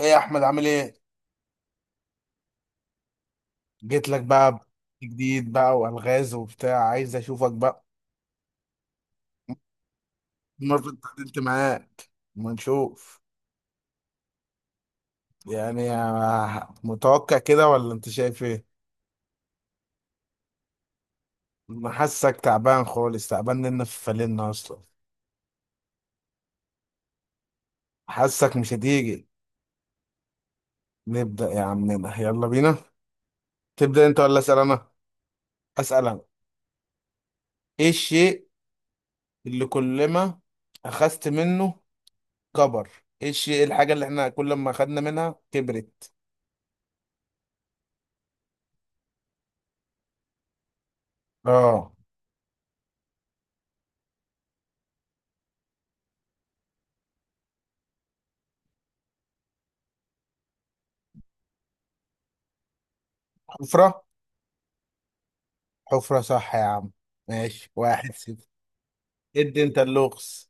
ايه يا احمد عامل ايه؟ جيت لك بقى، جديد بقى والغاز وبتاع، عايز اشوفك بقى. المره اللي اتعاملت معاك ما نشوف. يعني آه، متوقع كده ولا انت شايف ايه؟ أنا حاسك تعبان خالص، تعبان لنا في فلنا اصلا. حاسك مش هتيجي. نبدا يا عمنا يلا بينا. تبدا انت ولا اسال انا؟ اسال انا. ايه الشيء اللي كل ما اخذت منه كبر؟ ايه الشيء، الحاجه اللي احنا كل ما اخذنا منها كبرت؟ اه، حفره. حفرة صح يا عم. ماشي واحد صفر. ادي انت اللغز.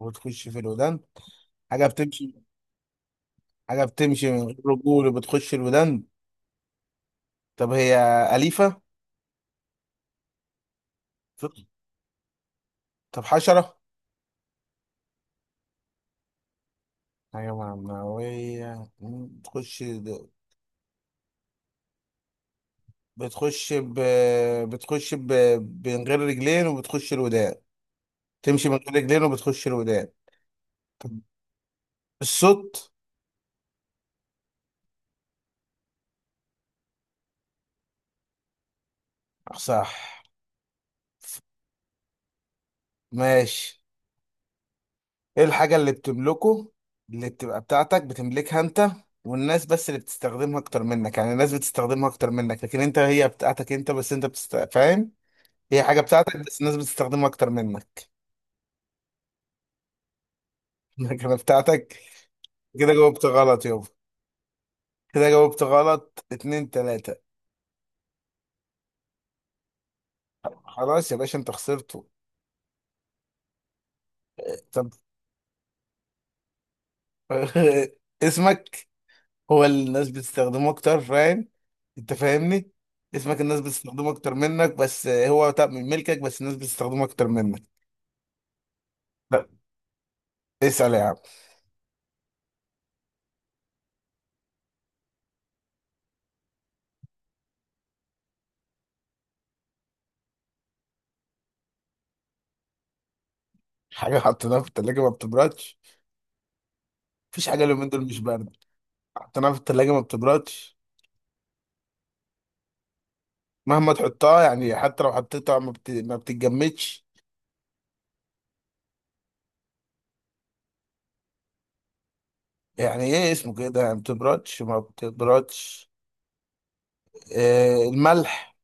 وتخش في الودان، حاجة بتمشي. حاجة بتمشي من غير رجول وبتخش الودان. طب هي أليفة؟ طب حشرة؟ حاجة معنوية؟ بتخش. بتخش ب... بتخش ب... من غير رجلين وبتخش الودان. تمشي من غير رجلين وبتخش الودان. الصوت. صح. ماشي، ايه الحاجة اللي بتملكه، اللي بتبقى بتاعتك، بتملكها انت والناس بس اللي بتستخدمها اكتر منك؟ يعني الناس بتستخدمها اكتر منك لكن انت هي بتاعتك انت بس، فاهم؟ هي حاجة بتاعتك بس الناس بتستخدمها اكتر منك. لكن بتاعتك. كده جاوبت غلط يابا. كده جاوبت غلط، اتنين تلاتة. خلاص يا باشا انت خسرته. طب. اسمك. هو اللي الناس بتستخدمه اكتر، فاهم؟ انت فاهمني. اسمك الناس بتستخدمه اكتر منك بس هو من ملكك، بس الناس بتستخدمه اكتر منك. لا اسأل يا عم. حاجة حطيناها في التلاجة ما بتبردش. مفيش حاجة اليومين دول مش باردة. حطيناها في التلاجة ما بتبردش. مهما تحطها، يعني حتى لو حطيتها ما بتتجمدش. يعني ايه اسمه كده؟ يعني ما بتبردش، ما بتبردش. إيه؟ الملح.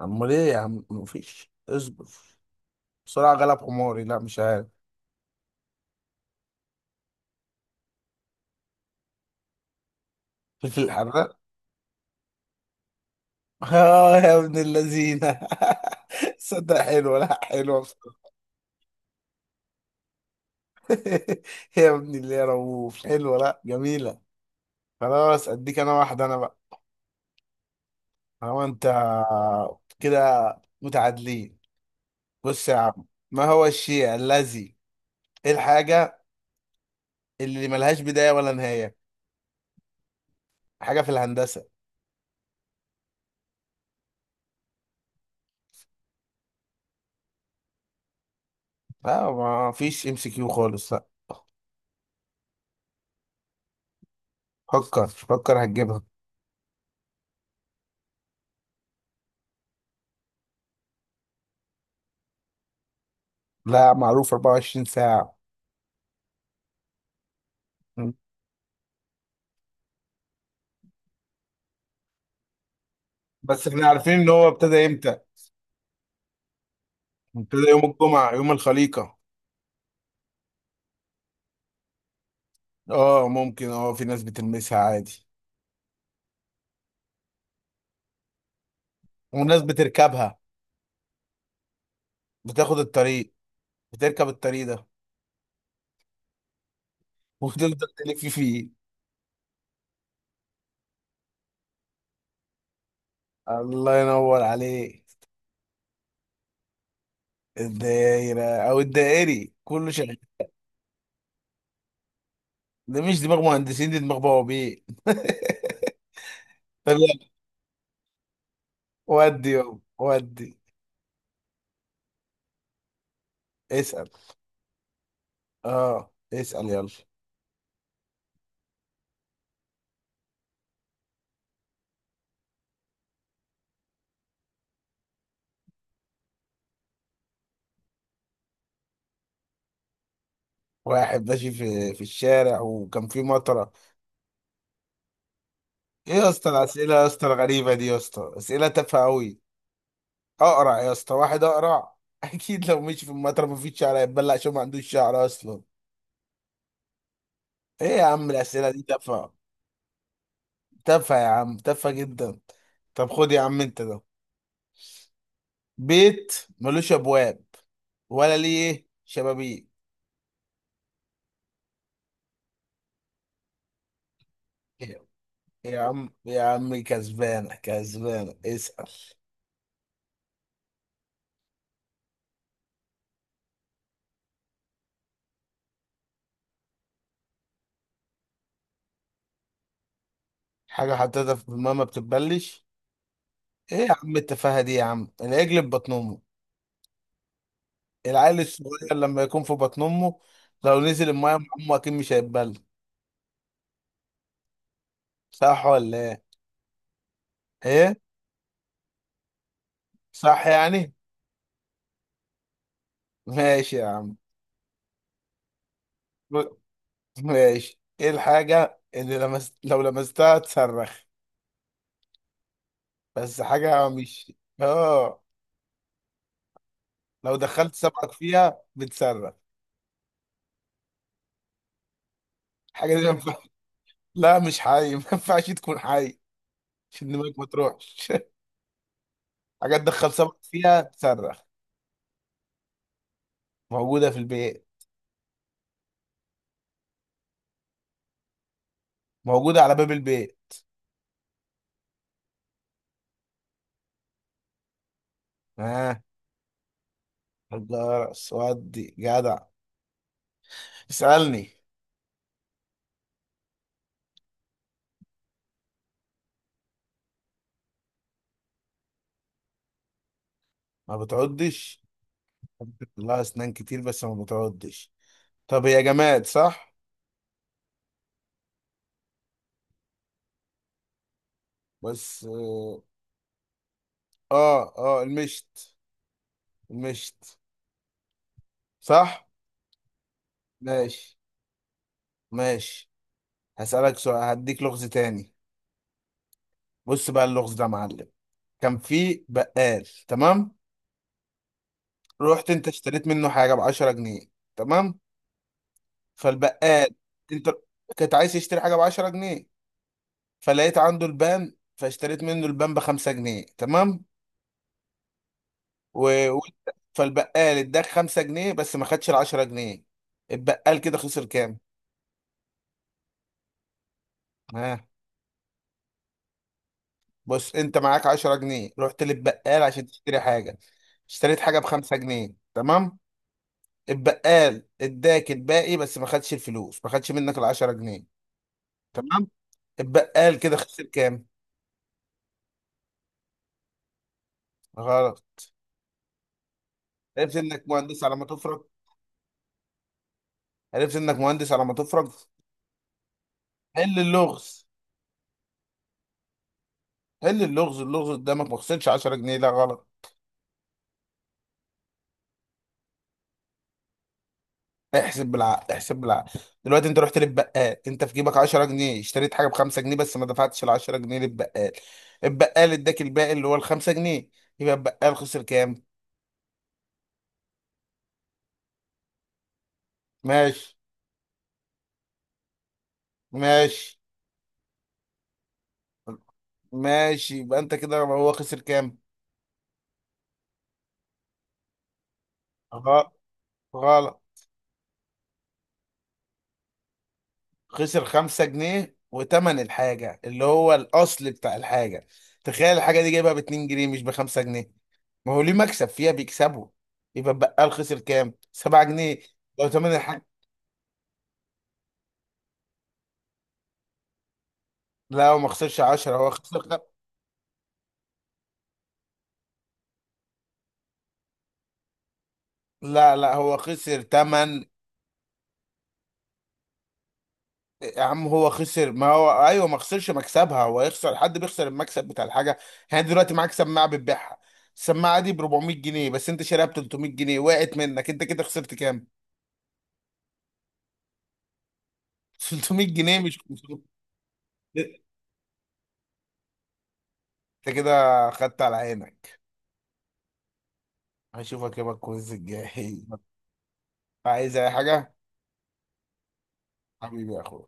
امال ايه يا عم؟ مفيش، اصبر، بسرعة غلب حماري، لا مش عارف. فلفل الحراق. اه يا ابن اللذينة. صدق حلوة، لا حلوة بصراحة. يا ابن اللي، يا رؤوف، حلوة، لا جميلة. خلاص اديك انا واحده انا بقى. هو انت كده؟ متعادلين. بص يا عم، ما هو الشيء الذي، ايه الحاجه اللي ملهاش بدايه ولا نهايه؟ حاجه في الهندسه. لا ما فيش ام سي كيو خالص، لا. فكر فكر هتجيبها. لا، معروف 24 ساعه. مم. بس احنا عارفين ان هو ابتدى امتى. ابتدى يوم الجمعه، يوم الخليقه. اه، ممكن، اه في ناس بتلمسها عادي. وناس بتركبها، بتاخد الطريق، بتركب الطريق ده وتفضل تلف فيه. الله ينور عليك. الدايرة أو الدائري كله شغال. ده مش دماغ مهندسين، دي دماغ بوابين. طب يلا، ودي يلا ودي. اسأل. اه اسأل يلا. واحد ماشي في الشارع، وكان في مطرة. ايه يا اسطى الأسئلة يا اسطى الغريبة دي يا اسطى؟ أسئلة تافهة أوي. أقرع يا اسطى، واحد أقرع. أكيد لو مشي في المطرة مفيش شعر هيتبلع عشان ما عندوش شعر أصلا. ايه يا عم الأسئلة دي تافهة. تافهة يا عم، تافهة جدا. طب خد يا عم انت ده. بيت ملوش ابواب ولا ليه شبابيك. يا عم يا عم كسبانة، كسبانة، اسأل. حاجة حطيتها في ماما بتتبلش. ايه يا عم التفاهة دي يا عم؟ العجل في بطن امه، العيل الصغير لما يكون في بطن امه، لو نزل المايه مع امه اكيد مش هيتبل. صح ولا ايه؟ ايه؟ صح يعني؟ ماشي يا عم، ماشي. ايه الحاجة اللي لمست لو لمستها تصرخ؟ بس حاجة مش، اه، لو دخلت سمكك فيها بتصرخ. الحاجه دي ما ينفعش لا، مش حي، ما ينفعش تكون حي عشان دماغك ما تروحش. حاجه تدخل سمك فيها بتصرخ. موجوده في البيت، موجوده على باب البيت. ها، آه. الجرس، ودي جدع. اسالني. ما بتعضش؟ لها اسنان كتير بس ما بتعضش. طب هي جماد صح؟ بس اه، اه، آه، المشت، المشت، صح. ماشي، ماشي، هسألك سؤال، هديك لغز تاني. بص بقى اللغز ده يا معلم. كان في بقال، تمام. رحت انت اشتريت منه حاجه ب 10 جنيه، تمام. فالبقال، انت كنت عايز تشتري حاجه ب 10 جنيه، فلقيت عنده البان فاشتريت منه البان ب 5 جنيه، تمام. و... و... فالبقال اداك 5 جنيه، بس ما خدش ال 10 جنيه. البقال كده خسر كام؟ ها. بص انت معاك 10 جنيه، رحت للبقال عشان تشتري حاجه، اشتريت حاجه ب 5 جنيه، تمام. البقال اداك الباقي بس ما خدش الفلوس، ما خدش منك ال 10 جنيه، تمام. البقال كده خسر كام؟ غلط. عرفت انك مهندس على ما تفرج. عرفت انك مهندس على ما تفرج. حل اللغز، حل اللغز، اللغز قدامك. ما خسرش 10 جنيه، لا غلط. احسب بالعقل، احسب بالعقل. دلوقتي انت رحت للبقال، انت في جيبك 10 جنيه، اشتريت حاجه ب 5 جنيه، بس ما دفعتش ال 10 جنيه للبقال. البقال اداك الباقي اللي هو ال 5 جنيه. يبقى البقال خسر كام؟ ماشي، ماشي، ماشي. يبقى انت كده هو خسر كام؟ غ- غلط. خسر خمسة جنيه وتمن الحاجة اللي هو الأصل بتاع الحاجة. تخيل الحاجة دي جايبها باتنين جنيه مش بخمسة جنيه، ما هو ليه مكسب فيها بيكسبوا. يبقى البقال خسر كام؟ سبعة جنيه. لو تمن الحاجة. لا هو ما خسرش عشرة، لا لا، هو خسر تمن. يا عم هو خسر، ما هو ايوه، ما خسرش مكسبها، هو يخسر، حد بيخسر المكسب بتاع الحاجه. يعني دلوقتي معاك سماعه بتبيعها، السماعه دي ب 400 جنيه بس انت شاريها ب 300 جنيه، وقعت منك، انت كده خسرت كام؟ 300 جنيه مش 500. انت كده خدت على عينك. هشوفك يوم الكويز الجاي. عايز اي حاجه؟ حبيبي يا اخويا.